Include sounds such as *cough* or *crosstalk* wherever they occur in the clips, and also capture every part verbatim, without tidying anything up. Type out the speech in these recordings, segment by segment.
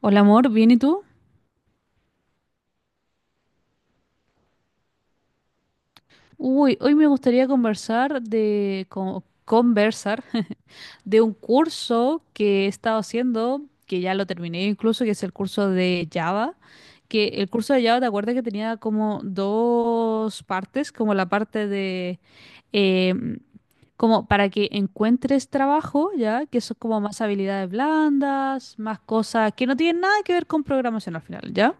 Hola amor, ¿bien y tú? Uy, hoy me gustaría conversar de co- conversar *laughs* de un curso que he estado haciendo, que ya lo terminé incluso, que es el curso de Java. Que el curso de Java, ¿te acuerdas que tenía como dos partes? Como la parte de em, como para que encuentres trabajo, ¿ya? Que son como más habilidades blandas, más cosas que no tienen nada que ver con programación al final, ¿ya?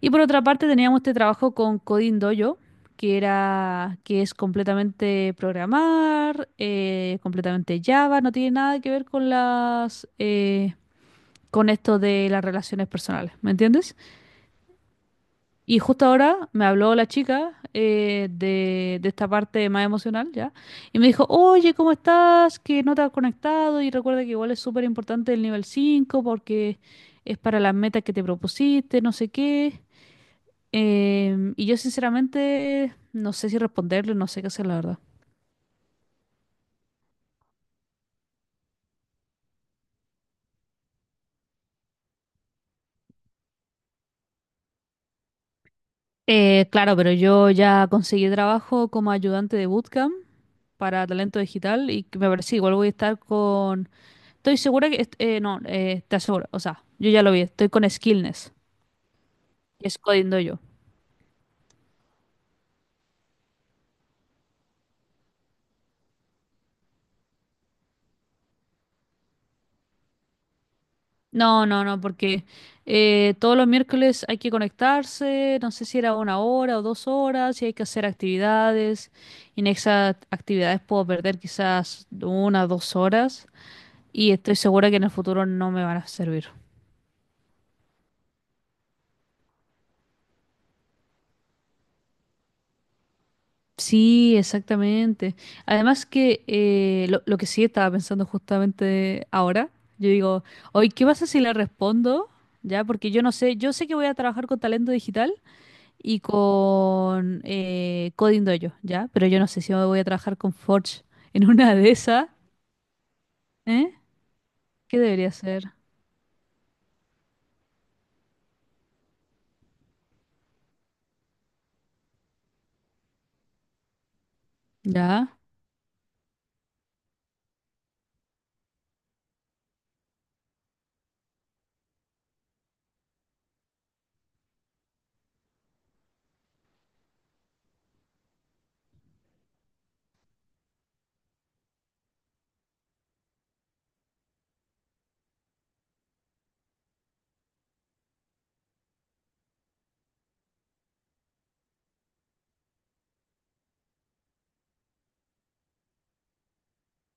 Y por otra parte teníamos este trabajo con Coding Dojo, que era, que es completamente programar, eh, completamente Java, no tiene nada que ver con las, eh, con esto de las relaciones personales, ¿me entiendes? Y justo ahora me habló la chica eh, de, de esta parte más emocional, ¿ya? Y me dijo, oye, ¿cómo estás? Que no te has conectado y recuerda que igual es súper importante el nivel cinco porque es para las metas que te propusiste, no sé qué. Em, y yo sinceramente no sé si responderle, no sé qué hacer, la verdad. Eh, claro, pero yo ya conseguí trabajo como ayudante de bootcamp para talento digital y que me parece igual voy a estar con. Estoy segura que, est- eh, no, eh, te aseguro, o sea, yo ya lo vi, estoy con Skillness, que es codiendo yo. No, no, no, porque eh, todos los miércoles hay que conectarse, no sé si era una hora o dos horas, y hay que hacer actividades, y en esas actividades puedo perder quizás una o dos horas. Y estoy segura que en el futuro no me van a servir. Sí, exactamente. Además que eh, lo, lo que sí estaba pensando justamente ahora, yo digo, hoy, ¿qué pasa si le respondo? Ya, porque yo no sé, yo sé que voy a trabajar con talento digital y con eh, Coding Dojo, ya, pero yo no sé si voy a trabajar con Forge en una de esas, ¿eh? ¿Qué debería hacer? Ya.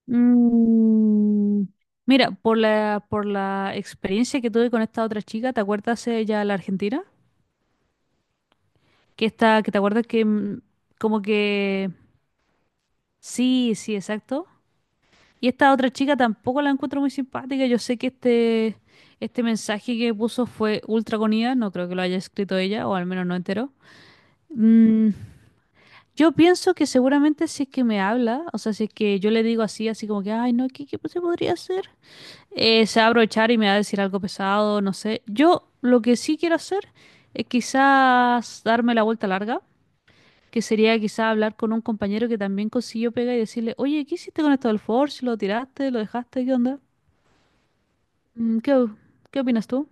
Mm, Mira, por la, por la experiencia que tuve con esta otra chica, ¿te acuerdas ella, la argentina? Que está, que te acuerdas que mm, como que sí, sí, exacto. Y esta otra chica tampoco la encuentro muy simpática. Yo sé que este, este mensaje que puso fue ultra con I A, no creo que lo haya escrito ella, o al menos no entero. Mm, yo pienso que seguramente si es que me habla, o sea, si es que yo le digo así, así como que, ay, no, ¿qué, qué se podría hacer? Eh, se va a aprovechar y me va a decir algo pesado, no sé. Yo lo que sí quiero hacer es quizás darme la vuelta larga, que sería quizás hablar con un compañero que también consiguió pega y decirle, oye, ¿qué hiciste con esto del Forge? ¿Lo tiraste? ¿Lo dejaste? ¿Qué onda? Mm, ¿Qué, o- qué opinas tú?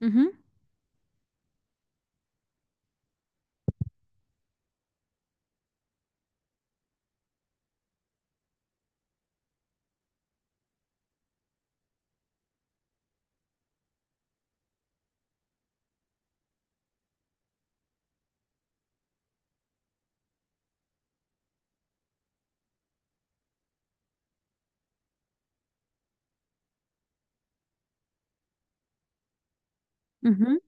Ujú, ujú.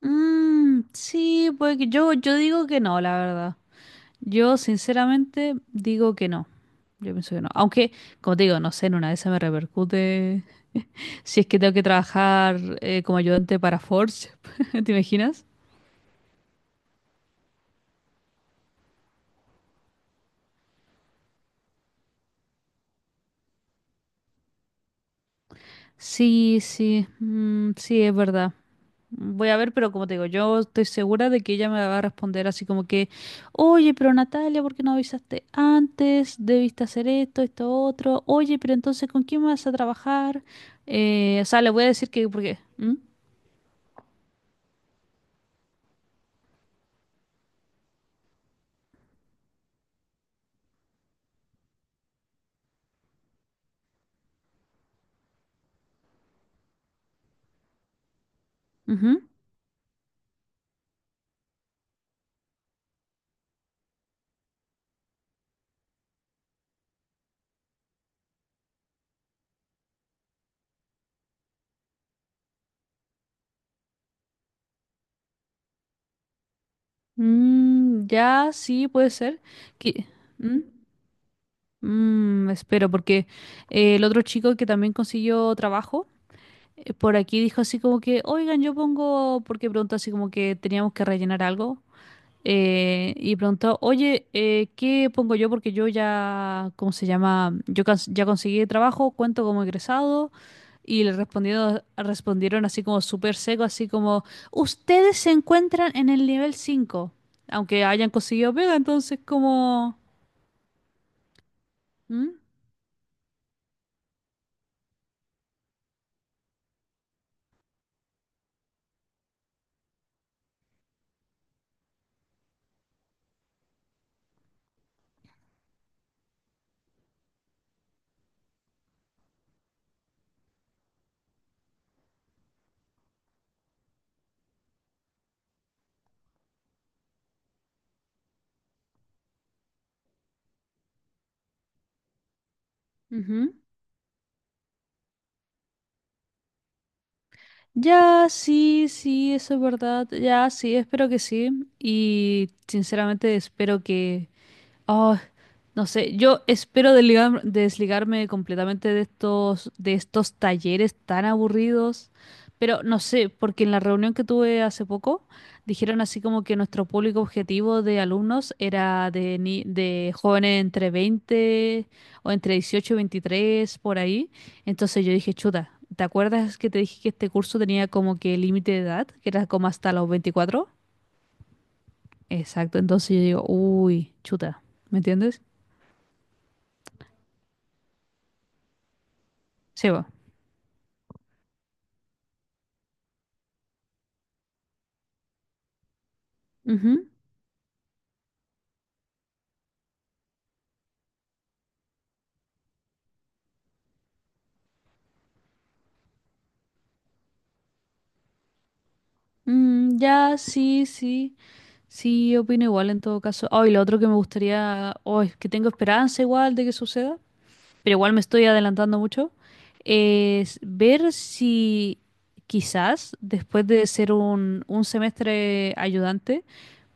Mm, sí, pues que yo, yo digo que no, la verdad. Yo sinceramente digo que no. Yo pienso que no. Aunque, como te digo, no sé, en una de esas me repercute *laughs* si es que tengo que trabajar eh, como ayudante para Forge. *laughs* ¿Te imaginas? Sí, sí, mm, sí, es verdad. Voy a ver, pero como te digo, yo estoy segura de que ella me va a responder así como que, oye, pero Natalia, ¿por qué no avisaste antes? Debiste hacer esto, esto, otro. Oye, pero entonces, ¿con quién vas a trabajar? Eh, o sea, le voy a decir que, ¿por qué? ¿Mm? Ujú. Mm, ya, sí, puede ser. Que ¿mm? Mm, espero, porque eh, el otro chico que también consiguió trabajo, eh, por aquí dijo así como que, oigan, yo pongo, porque preguntó así como que teníamos que rellenar algo, eh, y preguntó, oye, eh, ¿qué pongo yo? Porque yo ya, ¿cómo se llama? Yo cons- ya conseguí trabajo, cuento como egresado. Y le respondieron, respondieron así como súper seco, así como, ustedes se encuentran en el nivel cinco aunque hayan conseguido pega, entonces como. ¿Mm? Ujú. Ya, sí, sí, eso es verdad, ya, sí, espero que sí. Y sinceramente espero que, oh, no sé, yo espero desligar- desligarme completamente de estos, de estos, talleres tan aburridos, pero no sé, porque en la reunión que tuve hace poco dijeron así como que nuestro público objetivo de alumnos era de, ni- de jóvenes entre veinte o entre dieciocho y veintitrés, por ahí. Entonces yo dije, chuta, ¿te acuerdas que te dije que este curso tenía como que límite de edad, que era como hasta los veinticuatro? Exacto, entonces yo digo, uy, chuta, ¿me entiendes? Sí, ujú. Mm, ya, sí, sí, sí, opino igual en todo caso. Ay, lo otro que me gustaría, hoy que tengo esperanza igual de que suceda, pero igual me estoy adelantando mucho, es ver si quizás después de ser un, un semestre ayudante,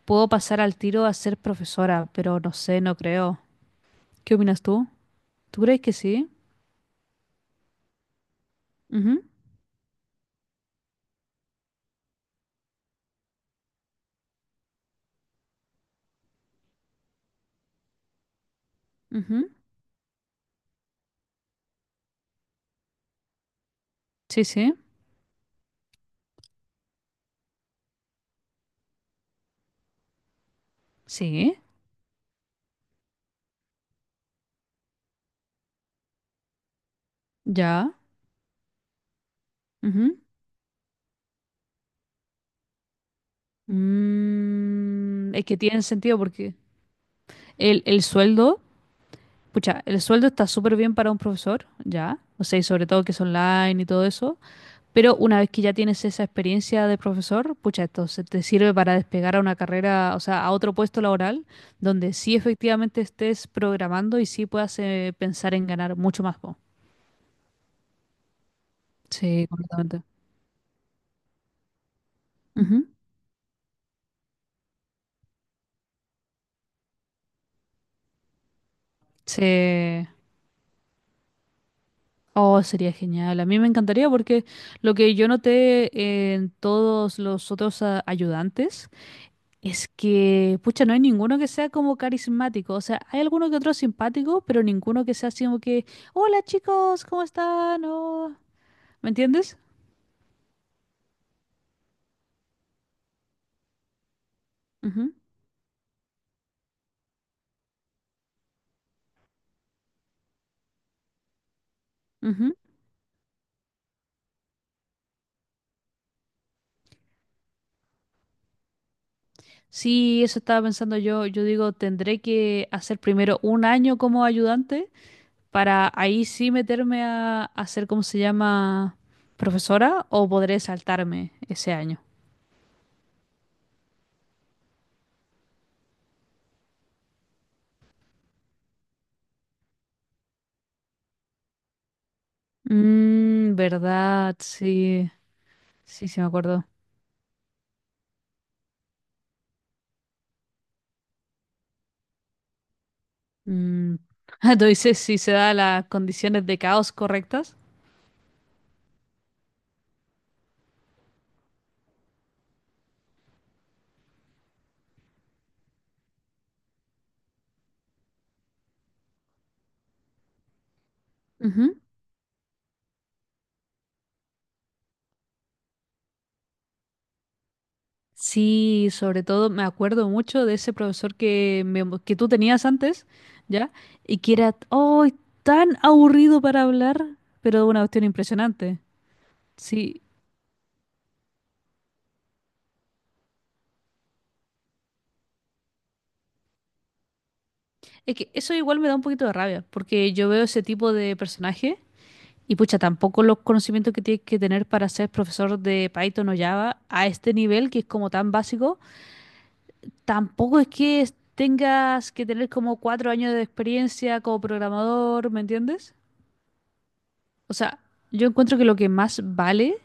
puedo pasar al tiro a ser profesora, pero no sé, no creo. ¿Qué opinas tú? ¿Tú crees que sí? Ujú, ujú. Sí, sí, sí, ya. Mm, es que tiene sentido porque el, el sueldo, pucha, el sueldo está súper bien para un profesor, ya, o sea, y sobre todo que es online y todo eso, pero una vez que ya tienes esa experiencia de profesor, pucha, esto se te sirve para despegar a una carrera, o sea, a otro puesto laboral, donde sí efectivamente estés programando y sí puedas eh, pensar en ganar mucho más, po. Sí, completamente. Ujú. Sí. Oh, sería genial. A mí me encantaría porque lo que yo noté en todos los otros ah, ayudantes es que, pucha, no hay ninguno que sea como carismático. O sea, hay alguno que otro simpático, pero ninguno que sea así como que, hola chicos, ¿cómo están? Oh", ¿me entiendes? Ujú, ujú. Sí, eso estaba pensando yo. Yo digo, tendré que hacer primero un año como ayudante para ahí sí meterme a, a ser, ¿cómo se llama? Profesora o podré saltarme ese año. Mm, verdad, sí, sí, sí me acuerdo. Mm. *laughs* Tú dices si se da las condiciones de caos correctas. Ujú. Sí, sobre todo me acuerdo mucho de ese profesor que, me- que tú tenías antes, ¿ya? Y que era oh, tan aburrido para hablar, pero una cuestión impresionante. Sí. Es que eso igual me da un poquito de rabia, porque yo veo ese tipo de personaje. Y pucha, tampoco los conocimientos que tienes que tener para ser profesor de Python o Java a este nivel, que es como tan básico, tampoco es que es- tengas que tener como cuatro años de experiencia como programador, ¿me entiendes? O sea, yo encuentro que lo que más vale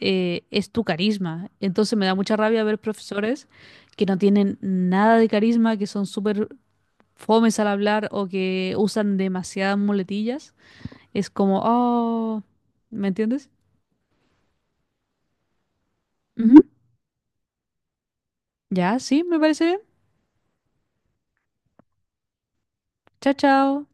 eh, es tu carisma. Entonces me da mucha rabia ver profesores que no tienen nada de carisma, que son súper fomes al hablar o que usan demasiadas muletillas. Es como, oh, ¿me entiendes? Ya, sí, me parece bien. Chao, chao.